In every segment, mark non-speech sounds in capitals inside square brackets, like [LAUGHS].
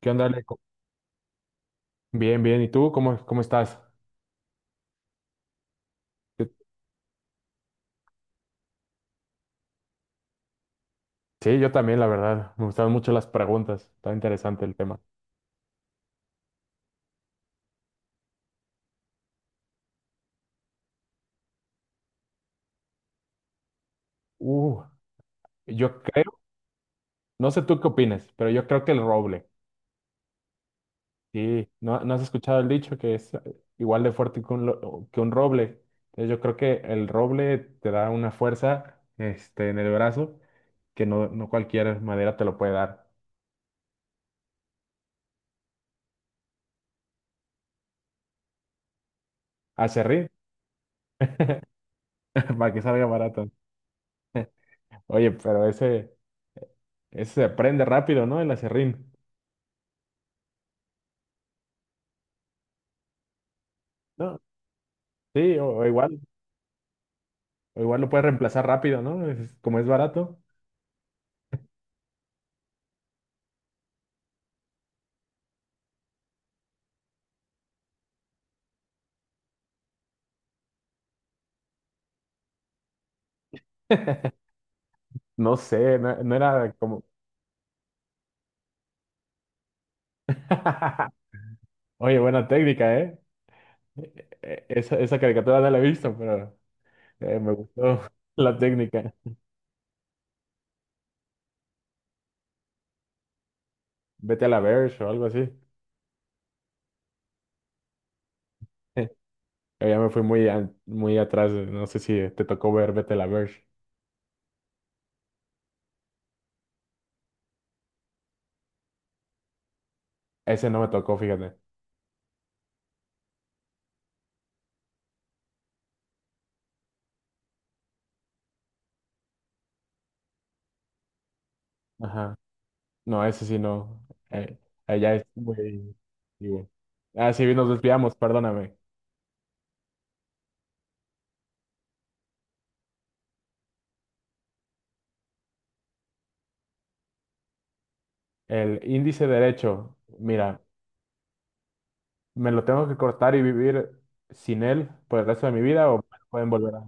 ¿Qué onda, Ale? Co- Bien, bien. ¿Y tú cómo estás? Yo- Sí, yo también, la verdad. Me gustaron mucho las preguntas. Está interesante el tema. Uh, yo creo, no sé tú qué opinas, pero yo creo que el roble. Sí, ¿no has escuchado el dicho que es igual de fuerte que un, lo- que un roble? Entonces, yo creo que el roble te da una fuerza, este, en el brazo que no cualquier madera te lo puede dar. Aserrín, [LAUGHS] para que salga barato. [LAUGHS] Oye, pero ese se aprende rápido, ¿no? El aserrín. Sí, o igual, o igual lo puedes reemplazar rápido, ¿no? Es- como es barato. [LAUGHS] No sé, no era como... [LAUGHS] Oye, buena técnica, ¿eh? Esa caricatura no la he visto, pero me gustó [LAUGHS] la técnica. Vete a la Verge o algo así. [LAUGHS] Yo ya me fui muy, an- muy atrás. No sé si te tocó ver Vete a la Verge. Ese no me tocó, fíjate. Ajá. No, ese sí no. Eh, allá es muy... antiguo. Ah, sí, nos desviamos, perdóname. El índice derecho, mira, me lo tengo que cortar y vivir sin él por el resto de mi vida o me lo pueden volver a...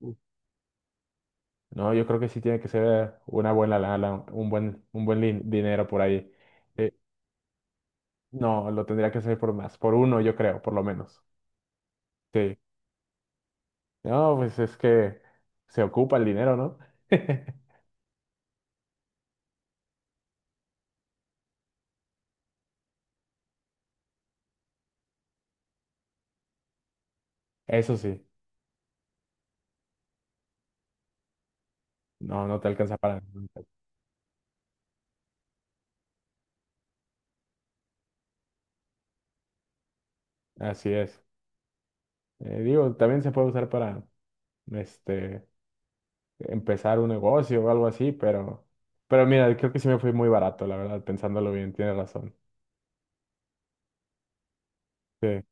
Uf. No, yo creo que sí tiene que ser una buena lana, un buen lin- dinero por ahí. Eh, no, lo tendría que hacer por más, por uno yo creo, por lo menos. Sí. No, pues es que se ocupa el dinero, ¿no? [LAUGHS] Eso sí, no te alcanza para... nada. Así es. Digo, también se puede usar para, este, empezar un negocio o algo así, pero mira, creo que sí me fui muy barato, la verdad, pensándolo bien, tienes razón. Sí.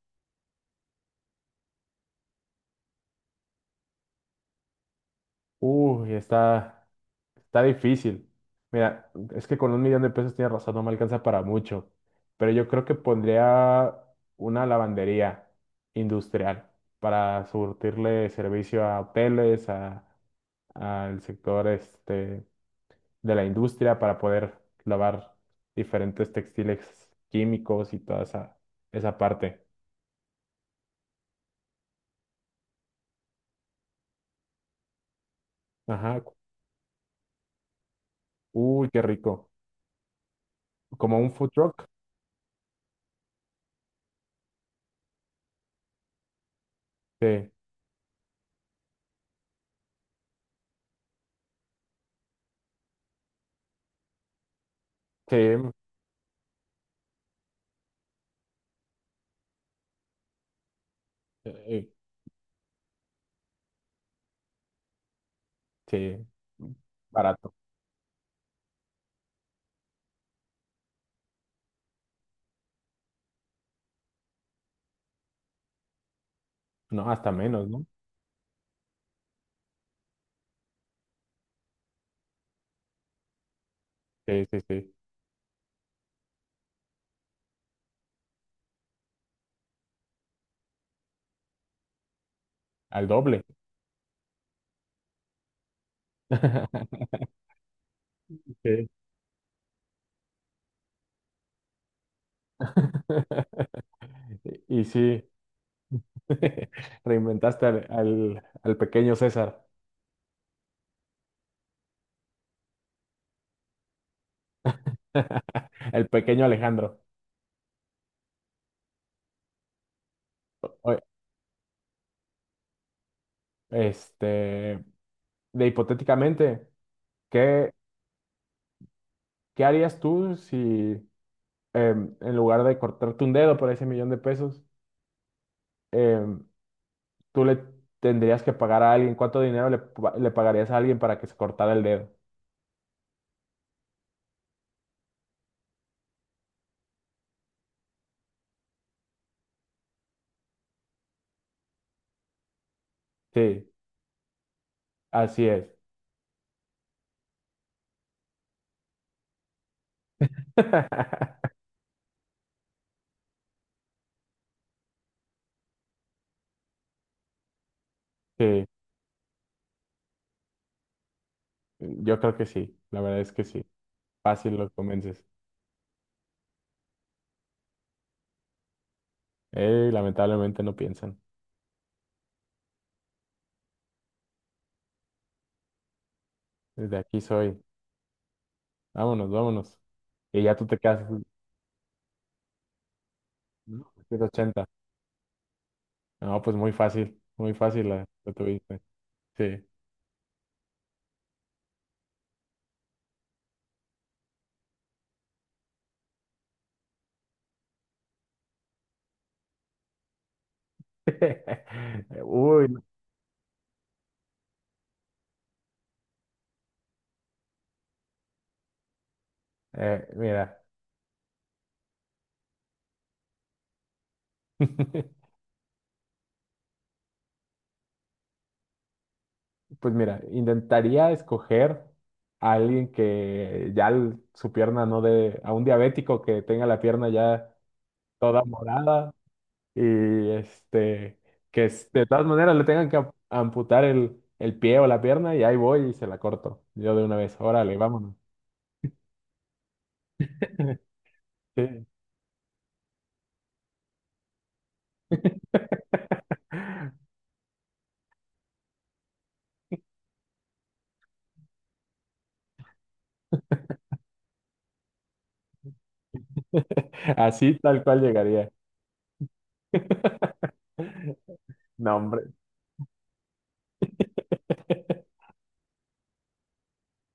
Uy, está, está difícil. Mira, es que con $1,000,000 tienes razón, no me alcanza para mucho, pero yo creo que pondría una lavandería industrial para surtirle servicio a hoteles, a, al sector este, de la industria, para poder lavar diferentes textiles químicos y toda esa, esa parte. Ajá. Uy, qué rico. Como un food truck. Sí, sí, eh, eh, sí. Barato. No, hasta menos, ¿no? Sí. Al doble. [LAUGHS] Sí. [LAUGHS] Y sí, [LAUGHS] reinventaste al pequeño César, [LAUGHS] el pequeño Alejandro. Oye, este, de hipotéticamente, ¿qué, qué harías tú si en lugar de cortarte un dedo por ese millón de pesos, em, tú le tendrías que pagar a alguien, cuánto dinero le, pa- le pagarías a alguien para que se cortara el dedo? Sí, así es. [LAUGHS] Sí, yo creo que sí, la verdad es que sí. Fácil los convences. Lamentablemente no piensan. Desde aquí soy. Vámonos, vámonos. Y ya tú te quedas, ¿no? 380. No, pues muy fácil la, la tuviste. Sí. [LAUGHS] Uy, no. Mira. [LAUGHS] Pues mira, intentaría escoger a alguien que ya el- su pierna no de, a un diabético que tenga la pierna ya toda morada y este, que es- de todas maneras le tengan que am- amputar el pie o la pierna y ahí voy y se la corto. Yo de una vez, órale, vámonos. [LAUGHS] Sí. [LAUGHS] Así tal cual llegaría. [LAUGHS] No, hombre. [LAUGHS]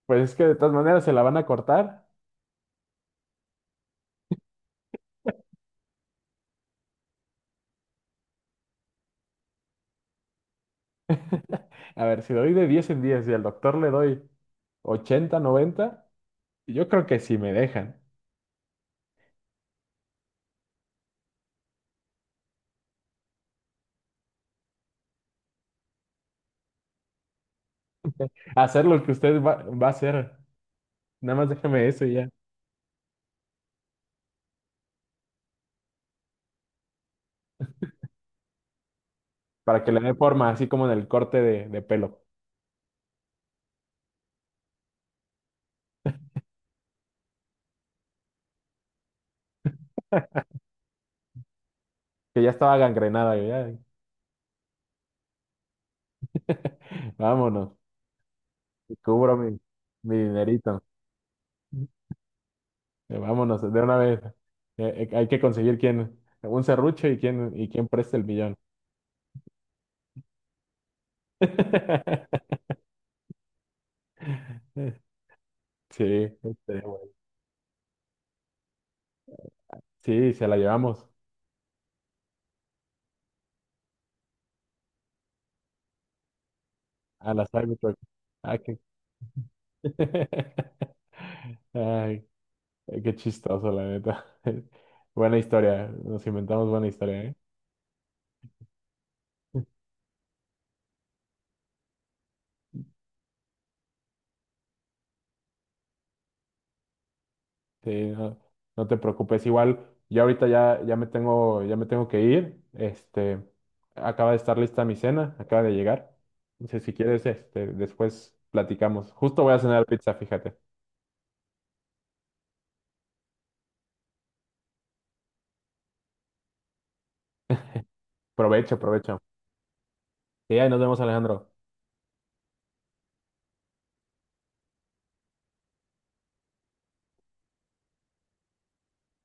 Pues es que de todas maneras se la van a cortar. [LAUGHS] A ver, si doy de 10 en 10 y al doctor le doy 80, 90, yo creo que sí me dejan hacer lo que usted va a hacer. Nada más déjeme eso y ya, para que le dé forma, así como en el corte de pelo, que ya estaba gangrenada. Yo ya. [LAUGHS] Vámonos, y cubro mi, mi dinerito. Vámonos, de una vez. Hay que conseguir quién, un serrucho y quién preste el millón. [LAUGHS] Sí, estaría bueno. Sí, se la llevamos. A la Cybertruck. Ah, qué... [LAUGHS] Ay, qué chistoso, la neta. [LAUGHS] Buena historia. Nos inventamos buena historia, ¿eh? Sí, no, no te preocupes. Igual, yo ahorita ya, ya me tengo que ir. Este, acaba de estar lista mi cena, acaba de llegar. Entonces, si quieres, este, después platicamos. Justo voy a cenar pizza, fíjate. Provecho, provecho. Sí, ahí nos vemos, Alejandro.